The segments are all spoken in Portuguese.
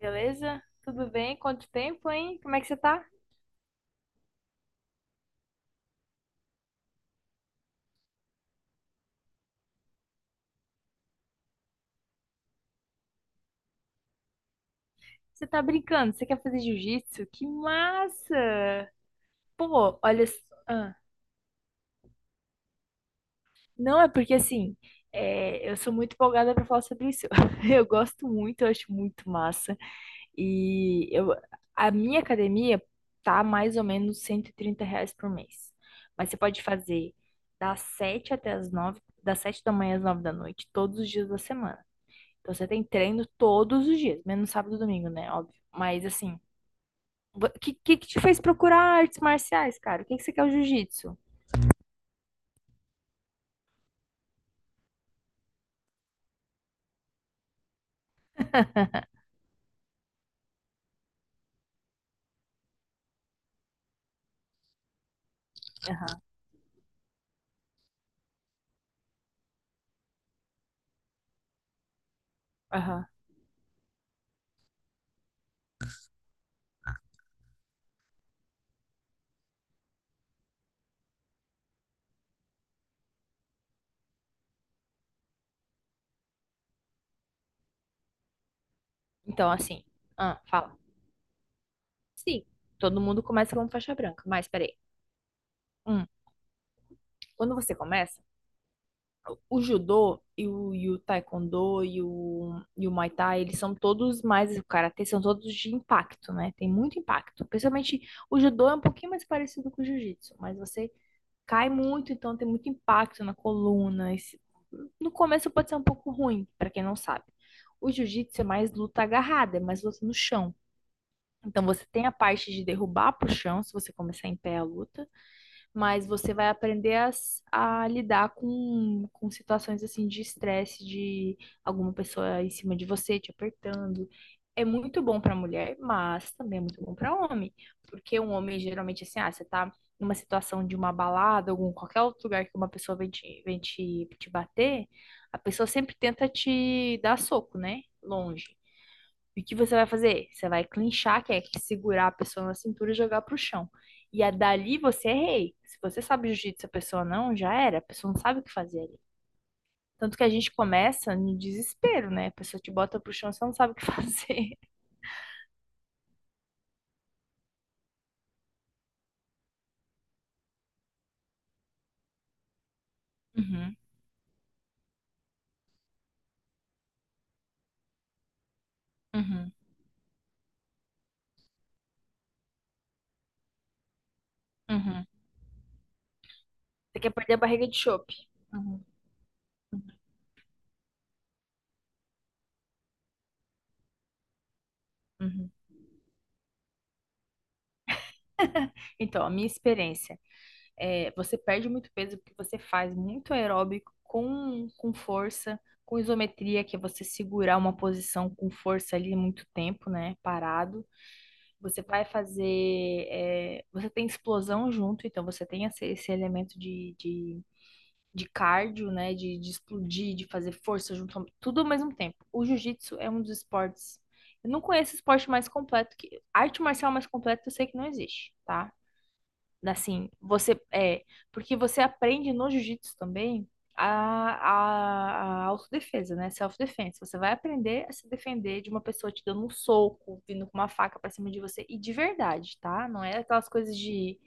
Beleza? Tudo bem? Quanto tempo, hein? Como é que você tá? Você tá brincando? Você quer fazer jiu-jitsu? Que massa! Pô, olha. Não, é porque assim, eu sou muito empolgada pra falar sobre isso. Eu gosto muito, eu acho muito massa. E eu, a minha academia tá mais ou menos R$ 130 por mês. Mas você pode fazer das 7 até as 9 das 7 da manhã às 9 da noite, todos os dias da semana. Então você tem treino todos os dias, menos sábado e domingo, né? Óbvio. Mas assim, o que, que te fez procurar artes marciais, cara? O que que você quer o jiu-jitsu? Aham. Então, assim, ah, fala. Sim, todo mundo começa como faixa branca, mas peraí. Hum, quando você começa, o judô e o taekwondo e o muay thai, eles são todos mais, o karatê são todos de impacto, né? Tem muito impacto. Principalmente o judô é um pouquinho mais parecido com o jiu-jitsu, mas você cai muito, então tem muito impacto na coluna. No começo pode ser um pouco ruim, para quem não sabe. O jiu-jitsu é mais luta agarrada, é mais luta no chão. Então você tem a parte de derrubar pro chão, se você começar em pé a luta, mas você vai aprender a lidar com situações assim de estresse, de alguma pessoa em cima de você te apertando. É muito bom para mulher, mas também é muito bom para homem, porque um homem geralmente assim, ah, você tá numa situação de uma balada, algum qualquer outro lugar que uma pessoa vem te, te bater, a pessoa sempre tenta te dar soco, né? Longe. E o que você vai fazer? Você vai clinchar, que é segurar a pessoa na cintura e jogar pro chão. E a dali você é rei. Se você sabe jiu-jitsu, a pessoa não, já era. A pessoa não sabe o que fazer ali. Tanto que a gente começa no desespero, né? A pessoa te bota pro chão, você não sabe o que fazer. Uhum, uhum, uhum. Você quer perder a barriga de chope. Uhum, uhum, uhum. Então, a minha experiência. Você perde muito peso porque você faz muito aeróbico com força, com isometria, que é você segurar uma posição com força ali muito tempo, né? Parado. Você vai fazer. Você tem explosão junto, então você tem esse, esse elemento de cardio, né? De explodir, de fazer força junto, tudo ao mesmo tempo. O jiu-jitsu é um dos esportes. Eu não conheço esporte mais completo que. Arte marcial mais completa eu sei que não existe, tá? Assim, você é, porque você aprende no jiu-jitsu também a, a autodefesa, né? Self-defense. Você vai aprender a se defender de uma pessoa te dando um soco, vindo com uma faca pra cima de você, e de verdade, tá? Não é aquelas coisas de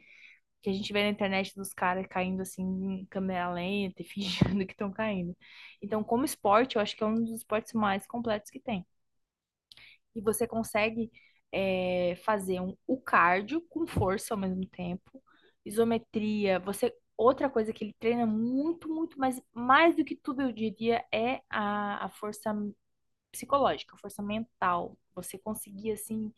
que a gente vê na internet dos caras caindo assim em câmera lenta e fingindo que estão caindo. Então, como esporte, eu acho que é um dos esportes mais completos que tem. E você consegue fazer um, o cardio com força ao mesmo tempo, isometria, você. Outra coisa que ele treina muito, muito, mas mais do que tudo, eu diria, é a força psicológica, a força mental. Você conseguir, assim,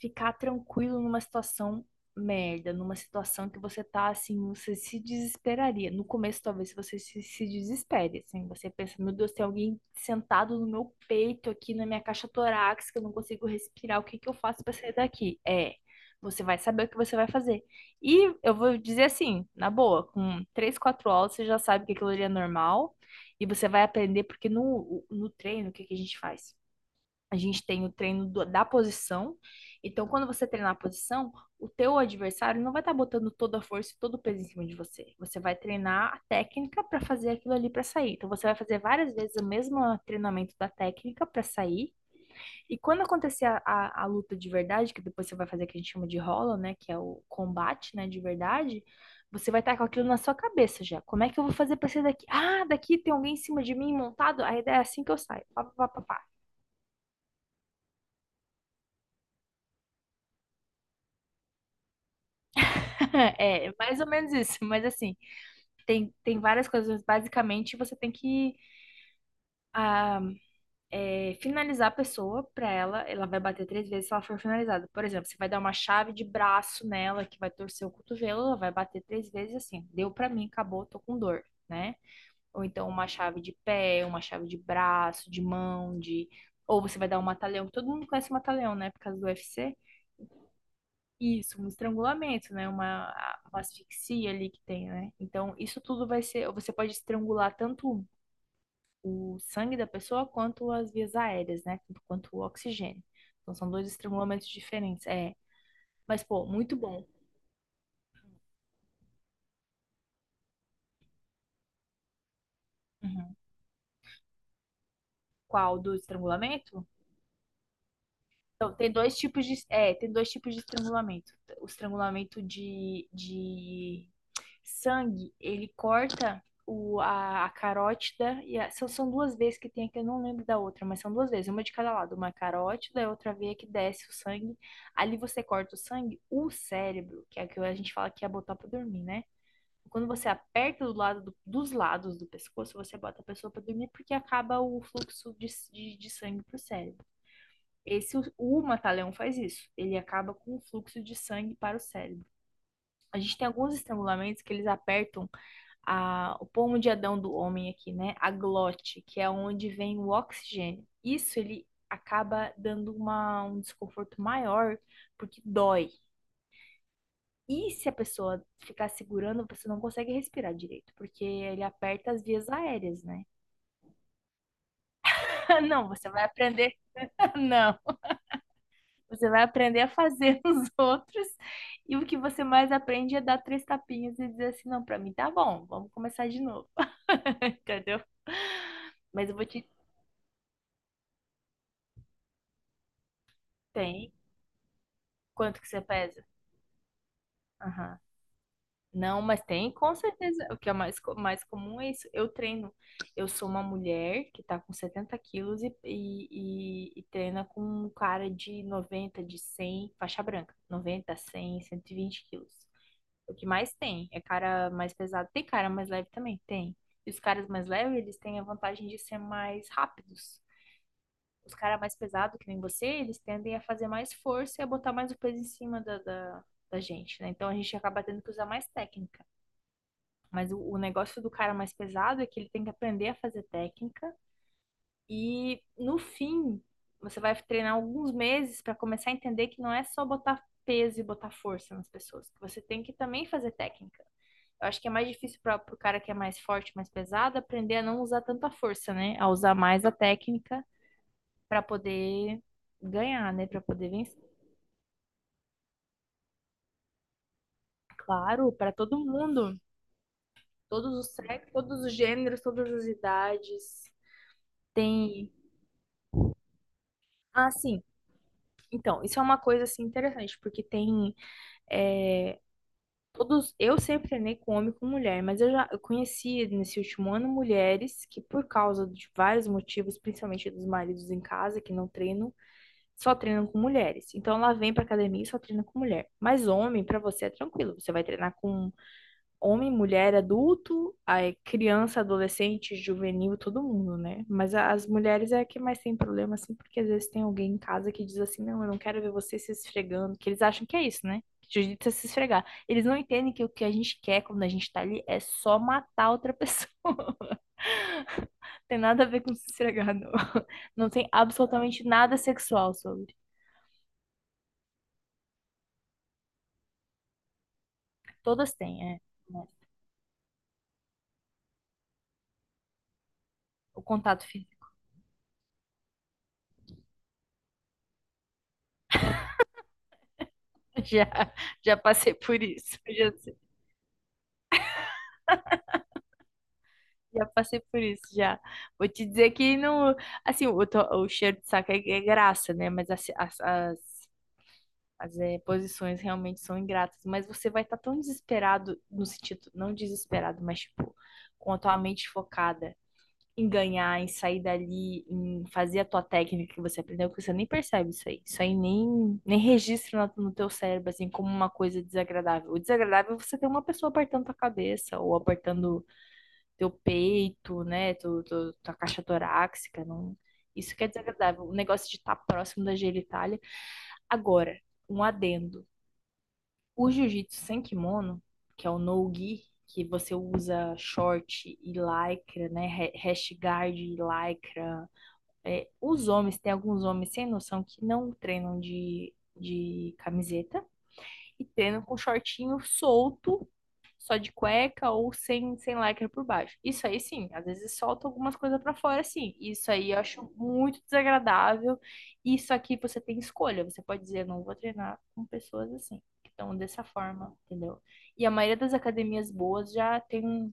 ficar tranquilo numa situação merda, numa situação que você tá assim, você se desesperaria. No começo, talvez você se desespere, assim, você pensa, meu Deus, tem alguém sentado no meu peito aqui na minha caixa torácica, eu não consigo respirar, o que que eu faço pra sair daqui? Você vai saber o que você vai fazer. E eu vou dizer assim, na boa, com três, quatro aulas você já sabe que aquilo ali é normal e você vai aprender porque no treino, o que que a gente faz? A gente tem o treino da posição. Então, quando você treinar a posição, o teu adversário não vai estar botando toda a força e todo o peso em cima de você. Você vai treinar a técnica para fazer aquilo ali para sair. Então, você vai fazer várias vezes o mesmo treinamento da técnica para sair. E quando acontecer a luta de verdade, que depois você vai fazer o que a gente chama de rola, né? Que é o combate, né? De verdade. Você vai estar com aquilo na sua cabeça já. Como é que eu vou fazer para sair daqui? Ah, daqui tem alguém em cima de mim montado? A ideia é assim que eu saio. Pá, pá, pá, pá, pá. É, mais ou menos isso, mas assim, tem, tem várias coisas, mas basicamente você tem que ah, finalizar a pessoa pra ela, ela vai bater 3 vezes se ela for finalizada. Por exemplo, você vai dar uma chave de braço nela que vai torcer o cotovelo, ela vai bater 3 vezes assim, deu pra mim, acabou, tô com dor, né? Ou então uma chave de pé, uma chave de braço, de mão, de... Ou você vai dar um mata-leão, todo mundo conhece o mata-leão, né, por causa do UFC. Isso, um estrangulamento, né? Uma asfixia ali que tem, né? Então, isso tudo vai ser. Você pode estrangular tanto o sangue da pessoa quanto as vias aéreas, né? Tanto quanto o oxigênio. Então, são dois estrangulamentos diferentes. É. Mas, pô, muito bom. Uhum. Qual do estrangulamento? Então, tem dois tipos de. É, tem dois tipos de estrangulamento. O estrangulamento de sangue, ele corta o, a carótida e são, são duas vezes que tem aqui, eu não lembro da outra, mas são duas vezes, uma de cada lado, uma carótida e outra veia que desce o sangue. Ali você corta o sangue, o cérebro, que é o que a gente fala que é botar pra dormir, né? Quando você aperta do lado dos lados do pescoço, você bota a pessoa para dormir porque acaba o fluxo de sangue para o cérebro. Esse, o mata-leão faz isso. Ele acaba com o fluxo de sangue para o cérebro. A gente tem alguns estrangulamentos que eles apertam a, o pomo de Adão do homem aqui, né? A glote, que é onde vem o oxigênio. Isso ele acaba dando uma, um desconforto maior, porque dói. E se a pessoa ficar segurando, você não consegue respirar direito, porque ele aperta as vias aéreas, né? Não, você vai aprender. Não, você vai aprender a fazer os outros. E o que você mais aprende é dar três tapinhas e dizer assim: não, pra mim tá bom, vamos começar de novo. Entendeu? Mas eu vou te. Tem. Quanto que você pesa? Aham. Não, mas tem com certeza. O que é mais, mais comum é isso. Eu treino. Eu sou uma mulher que tá com 70 quilos e treina com um cara de 90 de 100 faixa branca. Noventa cem 120 quilos. O que mais tem é cara mais pesado. Tem cara mais leve também? Tem. E os caras mais leves, eles têm a vantagem de ser mais rápidos. Os caras mais pesados, que nem você, eles tendem a fazer mais força e a botar mais o peso em cima da gente, né? Então a gente acaba tendo que usar mais técnica. Mas o negócio do cara mais pesado é que ele tem que aprender a fazer técnica e no fim você vai treinar alguns meses para começar a entender que não é só botar peso e botar força nas pessoas, que você tem que também fazer técnica. Eu acho que é mais difícil para o cara que é mais forte, mais pesado, aprender a não usar tanta força, né? A usar mais a técnica para poder ganhar, né? Para poder vencer. Claro, para todo mundo, todos os sexos, todos os gêneros, todas as idades. Tem. Ah, sim. Então, isso é uma coisa assim interessante, porque tem é, todos. Eu sempre treinei com homem e com mulher, mas eu já eu conheci nesse último ano mulheres que, por causa de vários motivos, principalmente dos maridos em casa que não treinam, só treinam com mulheres. Então, ela vem pra academia e só treina com mulher. Mas homem, pra você é tranquilo, você vai treinar com homem, mulher, adulto, aí criança, adolescente, juvenil, todo mundo, né? Mas as mulheres é a que mais tem problema, assim, porque às vezes tem alguém em casa que diz assim, não, eu não quero ver você se esfregando, que eles acham que é isso, né? Que jiu-jitsu é se esfregar. Eles não entendem que o que a gente quer quando a gente tá ali é só matar outra pessoa. Tem nada a ver com se esfregar, não. Não tem absolutamente nada sexual sobre. Todas têm, é. Né? O contato físico. Já, já passei por isso. Já passei por isso, já. Vou te dizer que não. Assim, o cheiro de saco é graça, né? Mas as posições realmente são ingratas. Mas você vai estar tão desesperado, no sentido, não desesperado, mas tipo, com a tua mente focada em ganhar, em sair dali, em fazer a tua técnica que você aprendeu, que você nem percebe isso aí. Isso aí nem registra no teu cérebro, assim, como uma coisa desagradável. O desagradável é você ter uma pessoa apertando tua cabeça ou apertando teu peito, né? Tua caixa torácica. Não. Isso que é desagradável. O negócio de estar próximo da genitália. Agora, um adendo. O jiu-jitsu sem kimono, que é o no-gi, que você usa short e lycra, né? Rash guard e lycra. É, os homens, tem alguns homens sem noção que não treinam de camiseta e treinam com shortinho solto só de cueca ou sem lycra por baixo. Isso aí sim, às vezes solta algumas coisas pra fora, sim. Isso aí eu acho muito desagradável. Isso aqui você tem escolha, você pode dizer, não vou treinar com pessoas assim, que estão dessa forma, entendeu? E a maioria das academias boas já tem um,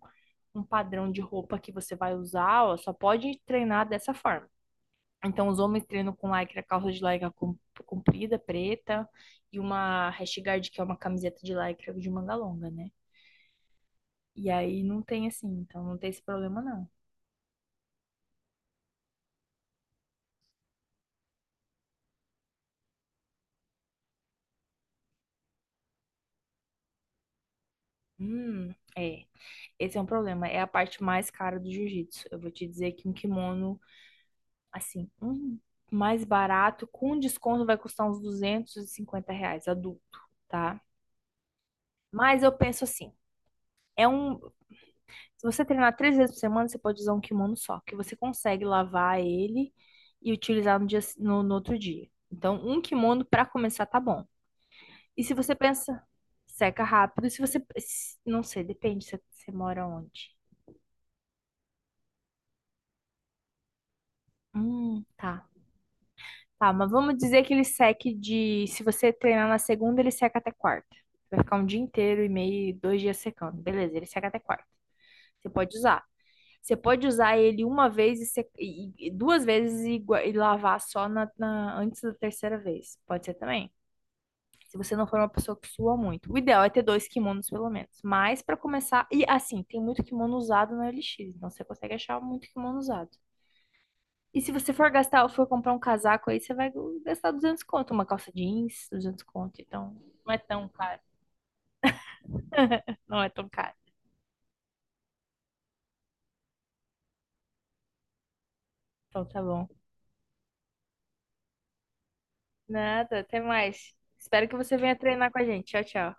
um padrão de roupa que você vai usar, ó, só pode treinar dessa forma. Então, os homens treinam com lycra, calça de lycra comprida, preta, e uma rash guard, que é uma camiseta de lycra de manga longa, né? E aí não tem assim, então não tem esse problema, não. É. Esse é um problema. É a parte mais cara do jiu-jitsu. Eu vou te dizer que um kimono, assim, um mais barato, com desconto, vai custar uns 250 reais, adulto, tá? Mas eu penso assim, é um. Se você treinar 3 vezes por semana, você pode usar um kimono só, que você consegue lavar ele e utilizar no dia, no outro dia. Então, um kimono pra começar tá bom. E se você pensa, seca rápido. E Se você. Se- Não sei, depende se você mora onde. Tá. Tá, mas vamos dizer que ele seque de. Se você treinar na segunda, ele seca até quarta. Vai ficar um dia inteiro e meio, 2 dias secando. Beleza, ele seca até quarta. Você pode usar. Você pode usar ele uma vez e, se- e- 2 vezes e lavar só antes da terceira vez. Pode ser também. Se você não for uma pessoa que sua muito. O ideal é ter 2 kimonos, pelo menos. Mas para começar. E assim, tem muito kimono usado na OLX. Então você consegue achar muito kimono usado. E se você for gastar ou for comprar um casaco aí, você vai gastar 200 conto. Uma calça jeans, 200 conto. Então não é tão caro. Não é tão caro. Então tá bom. Nada, até mais. Espero que você venha treinar com a gente. Tchau, tchau.